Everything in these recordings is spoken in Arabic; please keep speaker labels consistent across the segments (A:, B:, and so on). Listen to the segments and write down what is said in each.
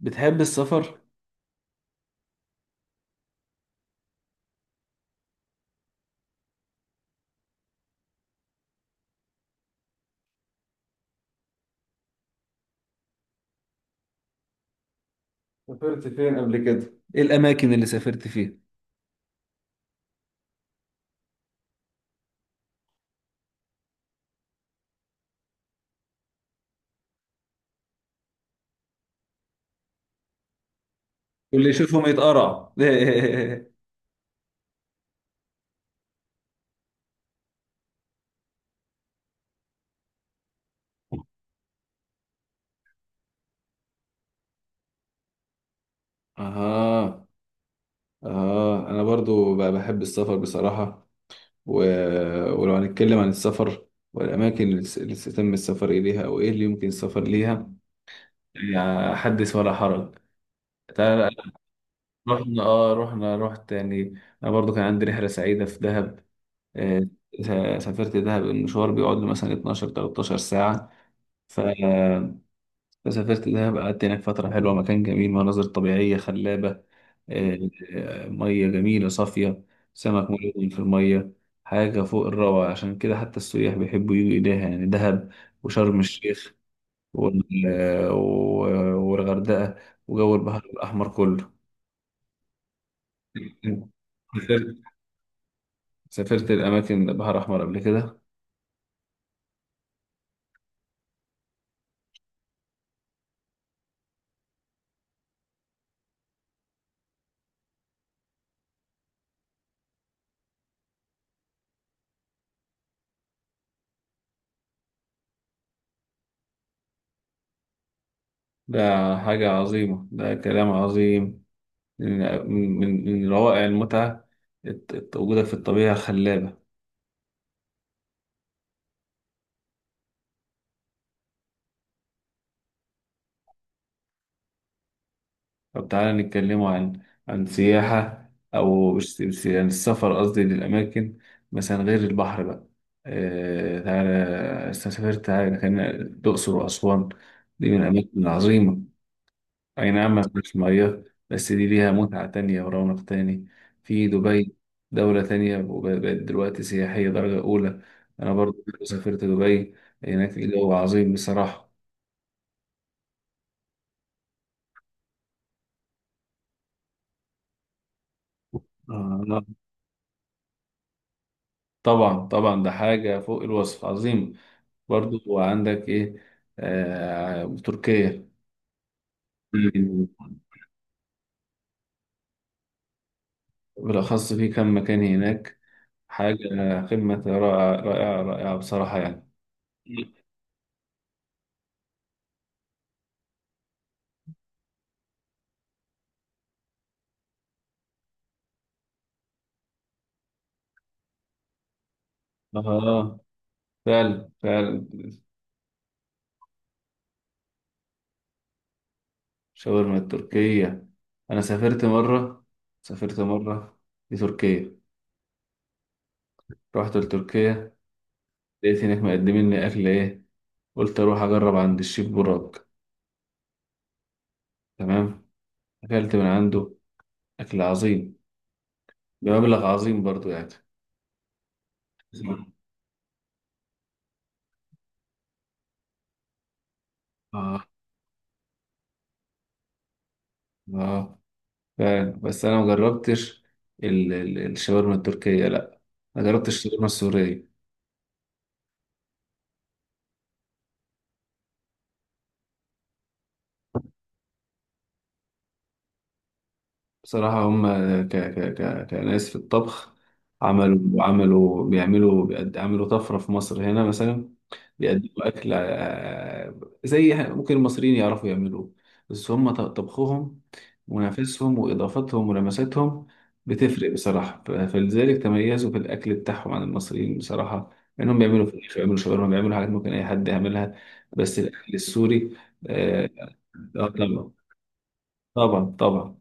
A: بتحب السفر؟ سافرت فين قبل كده؟ إيه الأماكن اللي سافرت فيها؟ واللي يشوفهم يتقرع. اها. اه، انا برضو بقى بحب السفر بصراحة. و... ولو هنتكلم عن السفر والاماكن اللي تم السفر اليها او ايه اللي يمكن السفر ليها، يعني حدث ولا حرج. تعال. رحنا اه رحنا رحت، يعني انا برضو كان عندي رحلة سعيدة في دهب. آه، سافرت دهب، المشوار بيقعد له مثلا 12 13 ساعة. ف فسافرت دهب، قعدت هناك فترة حلوة، مكان جميل، مناظر طبيعية خلابة. آه، مية جميلة صافية، سمك ملون في المية، حاجة فوق الروعة. عشان كده حتى السياح بيحبوا يجوا إليها، يعني دهب وشرم الشيخ والغردقة وجو البحر الأحمر كله. سافرت سافرت الأماكن، البحر الأحمر قبل كده. ده حاجة عظيمة، ده كلام عظيم. من من روائع المتعة، وجودك في الطبيعة الخلابة. طب تعالى نتكلموا عن عن سياحة، أو مش- مش- يعني السفر، قصدي للأماكن مثلا غير البحر بقى. آه، تعالى سافرت، تعالى خلينا الأقصر وأسوان، دي من الأماكن العظيمة. أي نعم، ما فيهاش مياه، بس دي ليها متعة تانية ورونق تاني. في دبي، دولة تانية، وبقت دلوقتي سياحية درجة أولى. أنا برضو سافرت دبي، هناك الجو عظيم بصراحة. آه، طبعا طبعا، ده حاجة فوق الوصف عظيمة. برضو عندك إيه؟ آه، تركيا. بالأخص في كم مكان هناك، حاجة قمة رائعة رائعة رائعة بصراحة يعني. آه، فعلا فعلا. شاورما التركية. أنا سافرت مرة لتركيا، رحت لتركيا، لقيت هناك مقدمين لي أكل إيه. قلت أروح أجرب عند الشيف براك. تمام. أكلت من عنده أكل عظيم بمبلغ عظيم برضو يعني. آه، آه، فعلا. بس انا ما جربتش الشاورما التركيه، لا، ما جربتش الشاورما السوريه. بصراحة هم كناس في الطبخ. عملوا طفرة في مصر هنا مثلا، بيقدموا أكل، آه، ممكن المصريين يعرفوا يعملوه، بس هم طبخهم ونفسهم وإضافتهم ولمساتهم بتفرق بصراحة. فلذلك تميزوا في الأكل بتاعهم عن المصريين بصراحة، لأنهم بيعملوا فراخ، بيعملوا شاورما، بيعملوا حاجات ممكن أي حد يعملها، بس الأكل السوري. آه. آه، طبعا طبعا طبعا.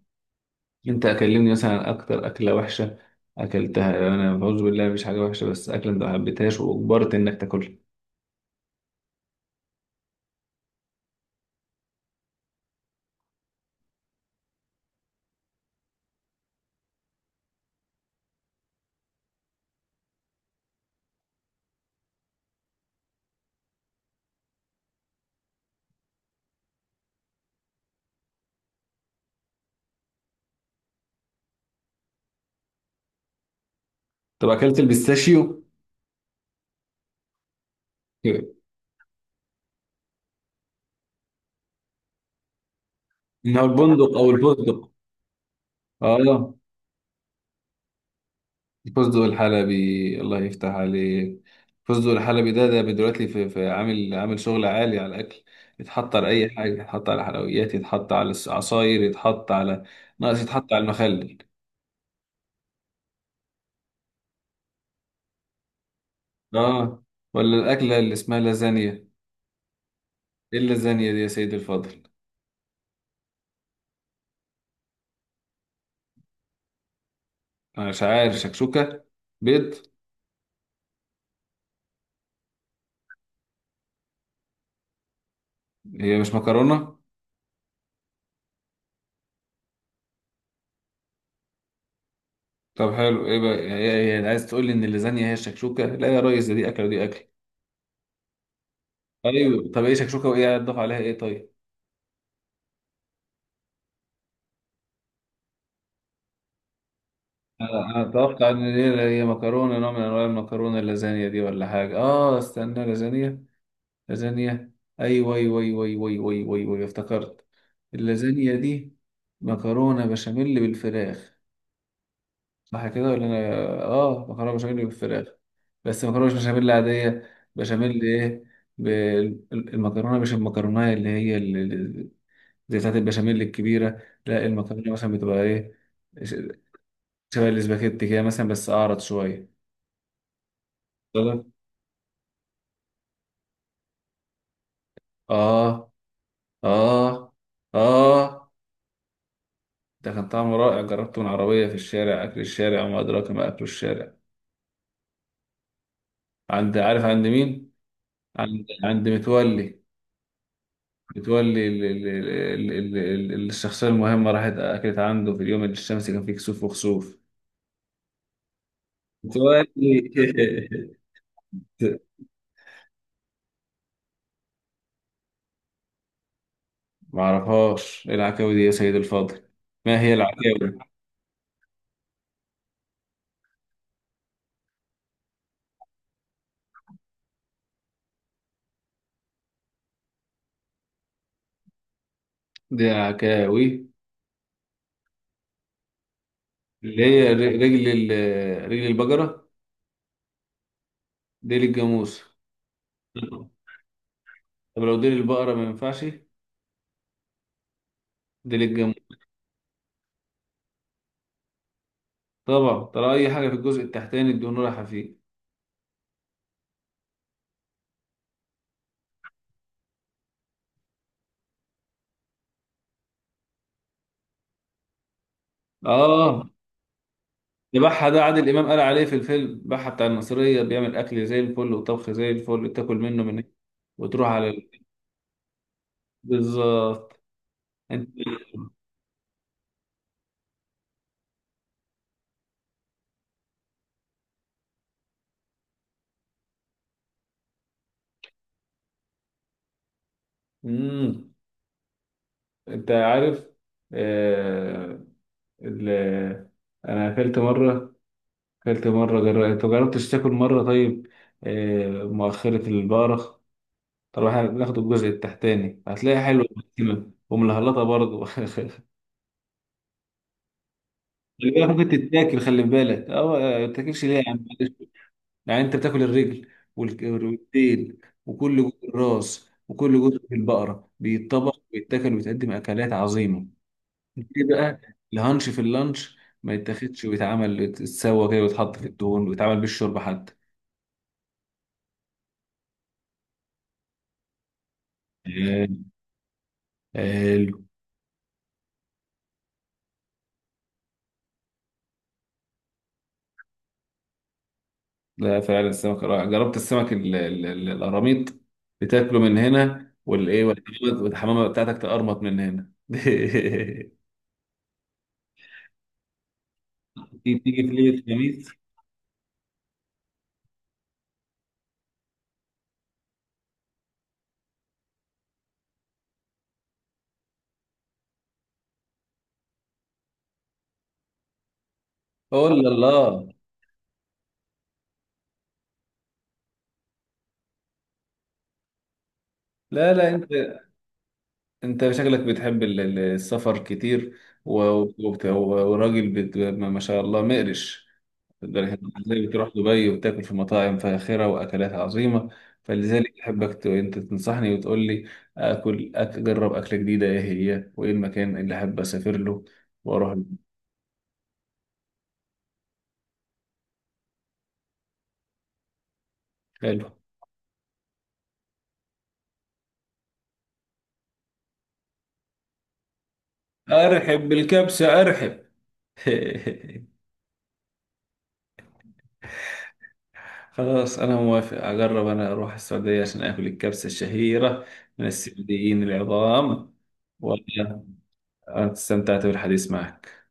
A: انت اكلمني مثلا عن اكتر اكله وحشه اكلتها، يعني انا بعوذ بالله مفيش حاجه وحشه، بس اكله انت ما حبيتهاش واجبرت انك تاكلها. طب اكلت البيستاشيو؟ من هو البندق او الفستق؟ اه، الفستق الحلبي. الله يفتح عليك. الفستق الحلبي ده دلوقتي في عامل شغل عالي على الاكل. يتحط على اي حاجه، يتحط على حلويات، يتحط على العصاير، يتحط على، ناقص يتحط على المخلل. اه. ولا الاكله اللي اسمها لازانيا؟ ايه اللازانيا دي يا سيدي الفاضل؟ انا مش عارف شكشوكة، بيض؟ هي مش مكرونة؟ طب حلو، ايه بقى هي عايز تقول لي ان اللازانيا هي الشكشوكة؟ لا يا ريس، دي اكل ودي اكل. ايوه، طب ايه شكشوكة وايه هتضاف عليها ايه طيب؟ أنا اتوقع ان هي مكرونة، نوع من انواع المكرونة، اللازانيا دي، ولا حاجة؟ اه، استنى، لازانيا، لازانيا. ايوه ايوه ايوه ايوه ايوه ايوه ايوه أيوه، أيوه، افتكرت. اللازانيا دي مكرونة بشاميل بالفراخ، صح كده ولا انا؟ اه، مكرونه بشاميل بالفراخ، بس مكرونه مش بشاميل عاديه، بشاميل ايه، ب-، المكرونه مش المكرونه اللي هي ال-، زي بتاعت البشاميل الكبيره، لا المكرونه مثلا بتبقى ايه، ش- شبه الاسباجيتي كده مثلا بس اعرض شويه. طلع. اه، اه، اه، ده كان طعمه رائع، جربته من عربيه في الشارع، اكل الشارع وما ادراك ما اكل الشارع. عند، عارف عند مين؟ عند متولي. بتولي الشخصية المهمة، راحت أكلت عنده في اليوم اللي الشمس كان فيه كسوف وخسوف، بتولي. معرفهاش، إيه العكاوي دي يا سيد الفاضل؟ ما هي العكاوي دي؟ العكاوي اللي هي رجل البقرة؟ ديل الجاموس؟ طب لو ديل البقرة ما ينفعش؟ ديل الجاموس. طبعا، ترى أي حاجة في الجزء التحتاني الدهون رايحة فيه. آه، البحة ده عادل إمام قال عليه في الفيلم، بحة بتاع المصرية بيعمل أكل زي الفل وطبخ زي الفل، تاكل منه من هنا وتروح على بالظبط. أنت. مم. أنت عارف، آه... ال... أنا أكلت مرة، أنت مجربتش تاكل مرة طيب، مؤخرة البقرة. طب إحنا بناخد الجزء التحتاني، هتلاقي حلوة ومسلمة وملهلطة برضه. خلي بالك ممكن تتاكل، خلي بالك، أه. ما تاكلش ليه يا عم؟ يعني انت بتاكل الرجل والديل وكل جزء الراس، وكل جزء في البقره بيتطبخ ويتاكل ويتقدم اكلات عظيمه. ليه بقى الهانش في اللانش ما يتاخدش ويتعمل، يتسوى كده ويتحط في الدهون ويتعمل بالشرب حتى؟ حلو. حلو. لا فعلا السمك رائع، جربت السمك القراميط، بتاكله من هنا والايه، والحمامه والحمامة بتاعتك تقرمط من هنا. تيجي في ليله الخميس. قول الله. لا لا، انت، شكلك بتحب السفر كتير، و- وراجل ما شاء الله مقرش، لدرجة إنك ازاي بتروح دبي وبتاكل في مطاعم فاخرة واكلات عظيمة. فلذلك احبك، انت تنصحني وتقول لي اكل، اجرب اكلة جديدة، ايه هي وايه المكان اللي احب اسافر له واروح له. حلو، ارحب بالكبسة، ارحب. خلاص انا موافق اجرب، انا اروح السعودية عشان اكل الكبسة الشهيرة من السعوديين العظام. أنا استمتعت بالحديث معك.